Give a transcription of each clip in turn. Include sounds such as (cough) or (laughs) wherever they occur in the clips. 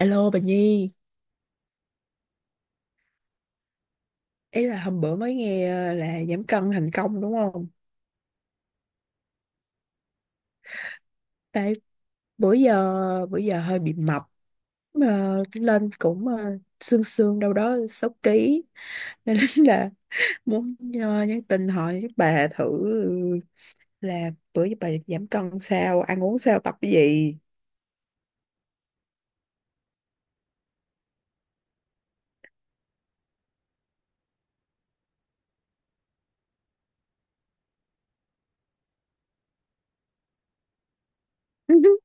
Alo bà Nhi, ý là hôm bữa mới nghe là giảm cân thành công đúng không? Tại bữa giờ hơi bị mập, mà lên cũng xương xương đâu đó 6 ký nên (laughs) là muốn nhắn tin hỏi bà thử là bữa giờ bà giảm cân sao, ăn uống sao, tập cái gì? (laughs)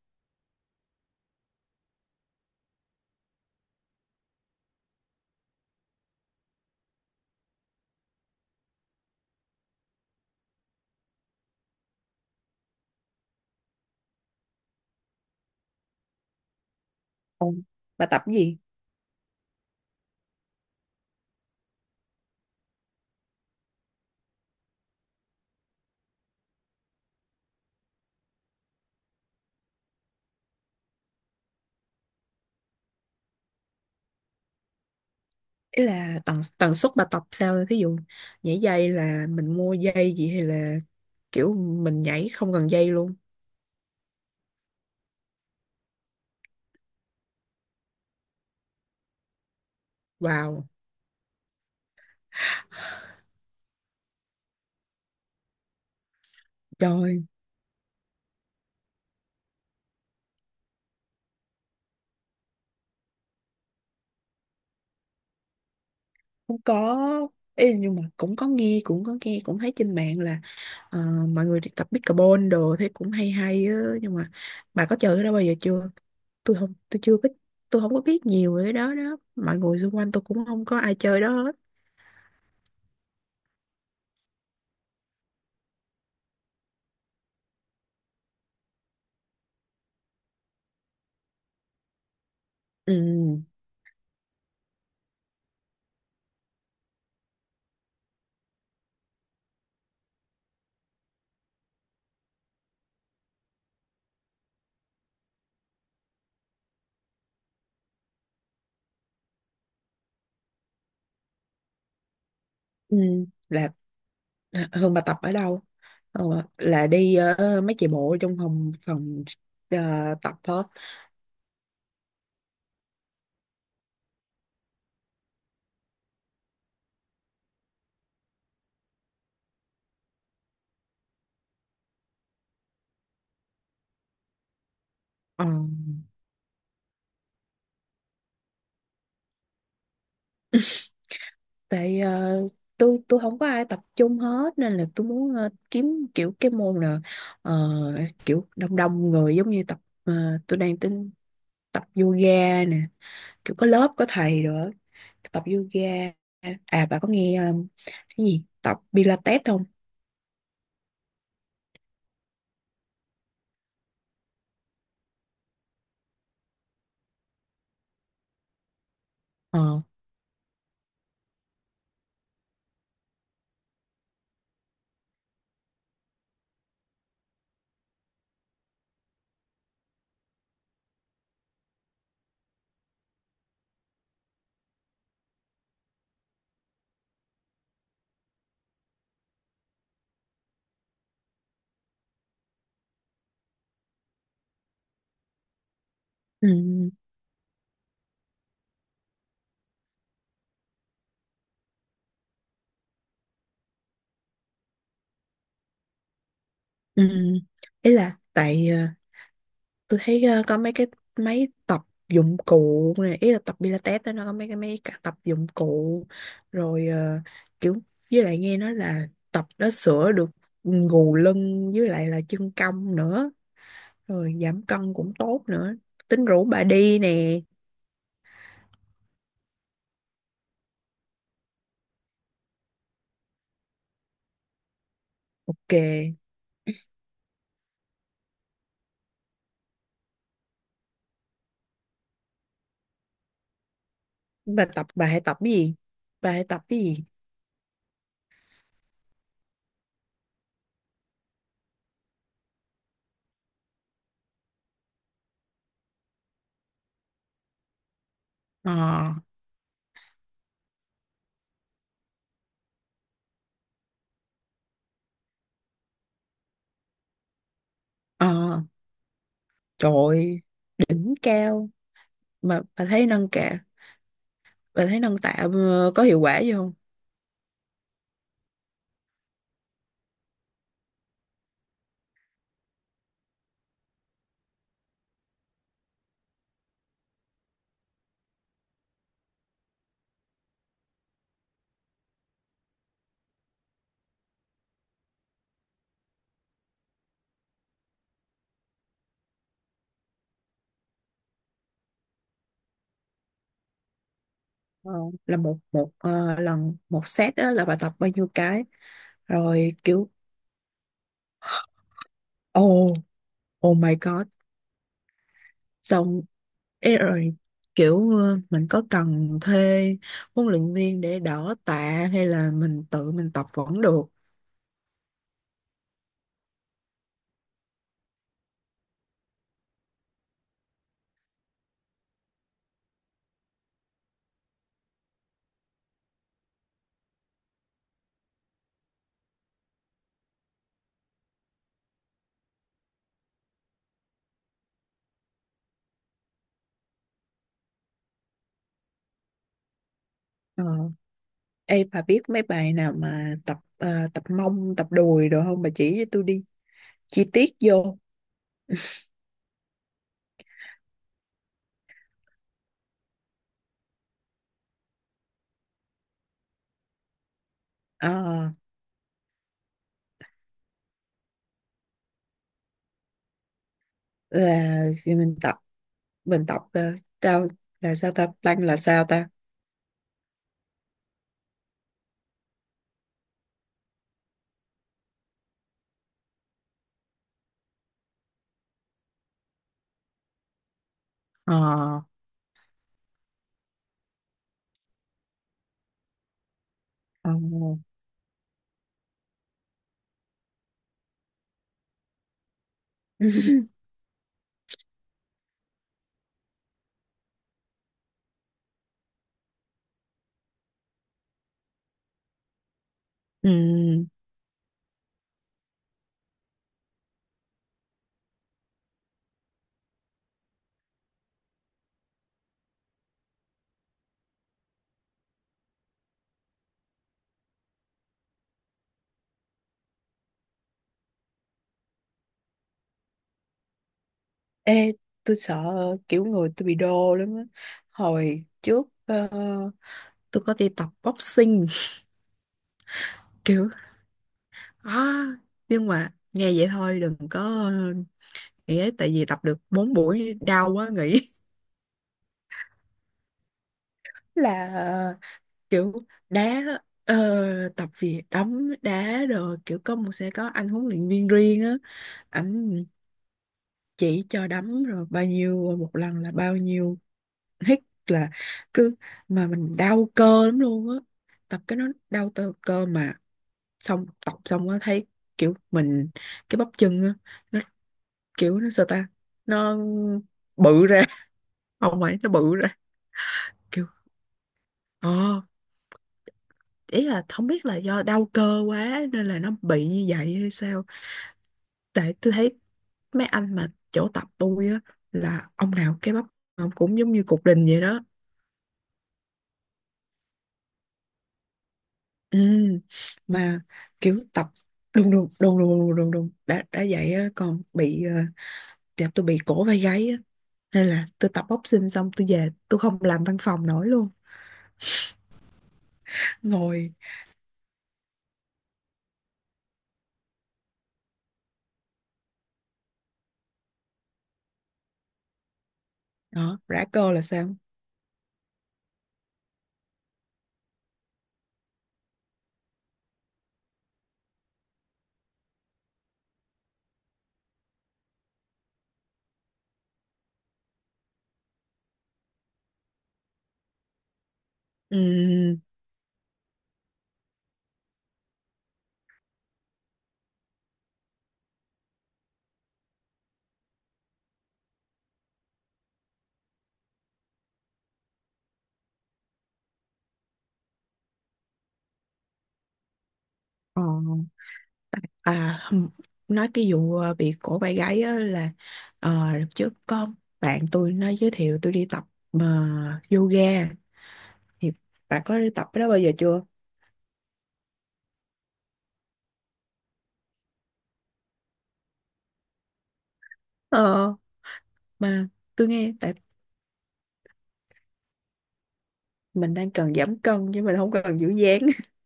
Ồ, bà tập cái gì? Ý là tần tần suất bà tập sao, thí dụ nhảy dây là mình mua dây gì hay là kiểu mình nhảy không cần dây luôn. Wow. Trời. Cũng có. Ê, nhưng mà cũng có nghe, cũng có nghe, cũng thấy trên mạng là ờ, mọi người đi tập pickleball đồ thấy cũng hay hay á, nhưng mà bà có chơi cái đó bao giờ chưa? Tôi không, tôi chưa có, tôi không có biết nhiều về cái đó đó, mọi người xung quanh tôi cũng không có ai chơi đó hết. Ừ. Ừ. Là. À, Hương bà tập ở đâu? Ờ, là đi mấy chị bộ trong phòng phòng ờ, tập hết. Ờ. (laughs) Tại tôi không có ai tập chung hết, nên là tôi muốn kiếm kiểu cái môn là ờ, kiểu đông đông người giống như tập tôi đang tính tập yoga nè, kiểu có lớp có thầy nữa, tập yoga. À, bà có nghe cái gì tập Pilates không? Ờ. Ừ. Ừ. Ý là tại tôi thấy có mấy cái máy tập dụng cụ này, ý là tập Pilates đó nó có mấy cái máy cả tập dụng cụ rồi kiểu với lại nghe nói là tập đó sửa được gù lưng với lại là chân cong nữa, rồi giảm cân cũng tốt nữa, tính rủ bà đi nè. Ok, bà tập bà hãy tập cái gì, bà hãy tập cái gì ờ ờ trời ơi, đỉnh cao. Mà bà thấy nâng tạ, bà thấy nâng tạ có hiệu quả gì không? Ờ, là một một lần một set á, là bà tập bao nhiêu cái? Rồi kiểu. Oh. Oh my god. Xong. Ê, rồi kiểu mình có cần thuê huấn luyện viên để đỡ tạ hay là mình tự mình tập vẫn được? Ờ. Ê, bà biết mấy bài nào mà tập tập mông tập đùi được không, bà chỉ cho tôi đi chi tiết vô. Ờ, là thì mình tập mình tập ờ, tao là sao ta? Plank là sao ta? ờ ờ. (laughs) Ừ. Ê, tôi sợ kiểu người tôi bị đô lắm á. Hồi trước tôi có đi tập boxing. (laughs) Kiểu à, nhưng mà nghe vậy thôi đừng có nghĩ ấy, tại vì tập được 4 buổi đau quá nghĩ. (laughs) Là kiểu đá ờ, tập vì đấm đá rồi kiểu có một sẽ có anh huấn luyện viên riêng á, ảnh chỉ cho đấm rồi bao nhiêu một lần là bao nhiêu hít, là cứ mà mình đau cơ lắm luôn á, tập cái nó đau tơ cơ mà, xong tập xong á thấy kiểu mình cái bắp chân á, nó kiểu nó sao ta, nó bự ra. (laughs) Không phải nó bự ra, kiểu ờ ý là không biết là do đau cơ quá nên là nó bị như vậy hay sao, tại tôi thấy mấy anh mà chỗ tập tôi á, là ông nào cái bắp ông cũng giống như cục đình vậy đó. Ừ, mà kiểu tập đùng đùng đùng đùng đùng đùng đùng đã vậy á, còn bị dạ tôi bị cổ vai gáy á, nên là tôi tập boxing xong tôi về tôi không làm văn phòng nổi luôn, ngồi. Đó, rã cơ là sao? Ừ. ờ, À, nói cái vụ bị cổ vai gáy á là đợt trước có bạn tôi nó giới thiệu tôi đi tập mà yoga, thì bạn có đi tập cái đó bao giờ chưa? Ờ, mà tôi nghe tại mình đang cần giảm cân chứ mình không cần giữ dáng. (laughs)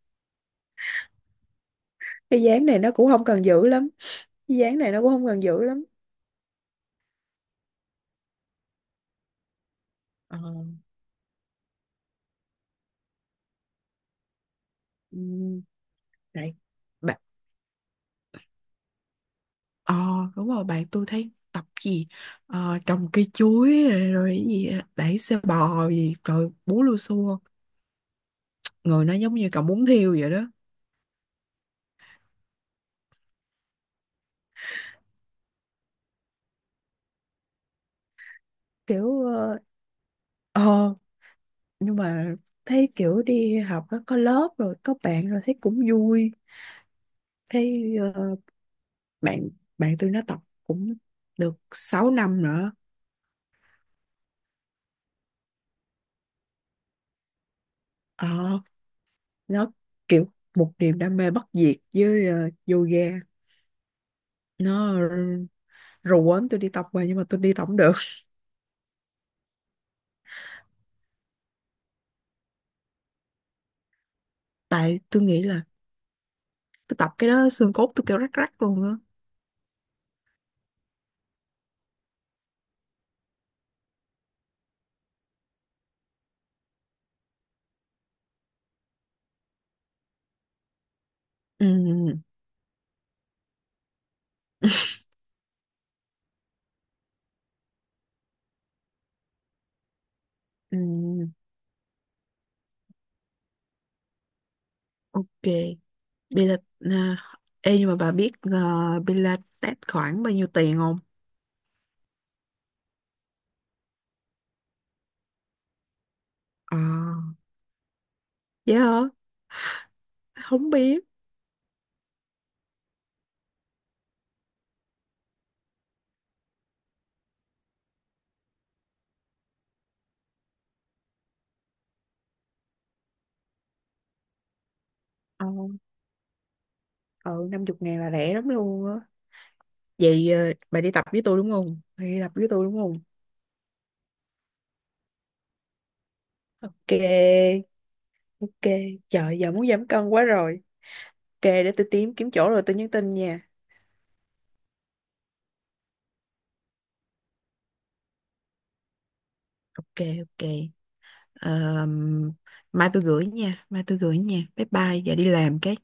Cái dáng này nó cũng không cần giữ lắm, cái dáng này nó cũng không cần giữ lắm. Ờ, ừm, bạn bạn ờ đúng rồi, bạn tôi thấy tập gì, trồng cây chuối rồi, rồi cái gì đẩy xe bò gì rồi bú lưu xua, người nó giống như cậu muốn thiêu vậy đó. Kiểu ờ, nhưng mà thấy kiểu đi học nó có lớp rồi có bạn rồi thấy cũng vui, thấy bạn bạn tôi nó tập cũng được 6 năm nữa. ờ, nó kiểu một niềm đam mê bất diệt với yoga, nó rủ quấn tôi đi tập mà nhưng mà tôi đi tập không được, tại tôi nghĩ là tôi tập cái đó xương cốt tôi kêu rắc rắc luôn á. Ừ. Ừ. Ok. Pilates à? Ê, nhưng mà bà biết Pilates khoảng bao nhiêu tiền không? À, dạ hả? Không biết. ờ ừ, 50 ngàn là rẻ lắm luôn á. Vậy bà đi tập với tôi đúng không? Bà đi tập với tôi đúng không? Ok, ok. Trời, giờ muốn giảm cân quá rồi. Ok, để tôi tìm kiếm chỗ rồi tôi nhắn tin nha. Ok, ok. Ờm, mai tôi gửi nha, Bye bye, giờ đi làm cái.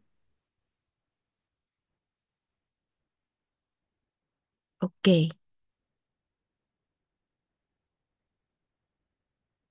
Ok.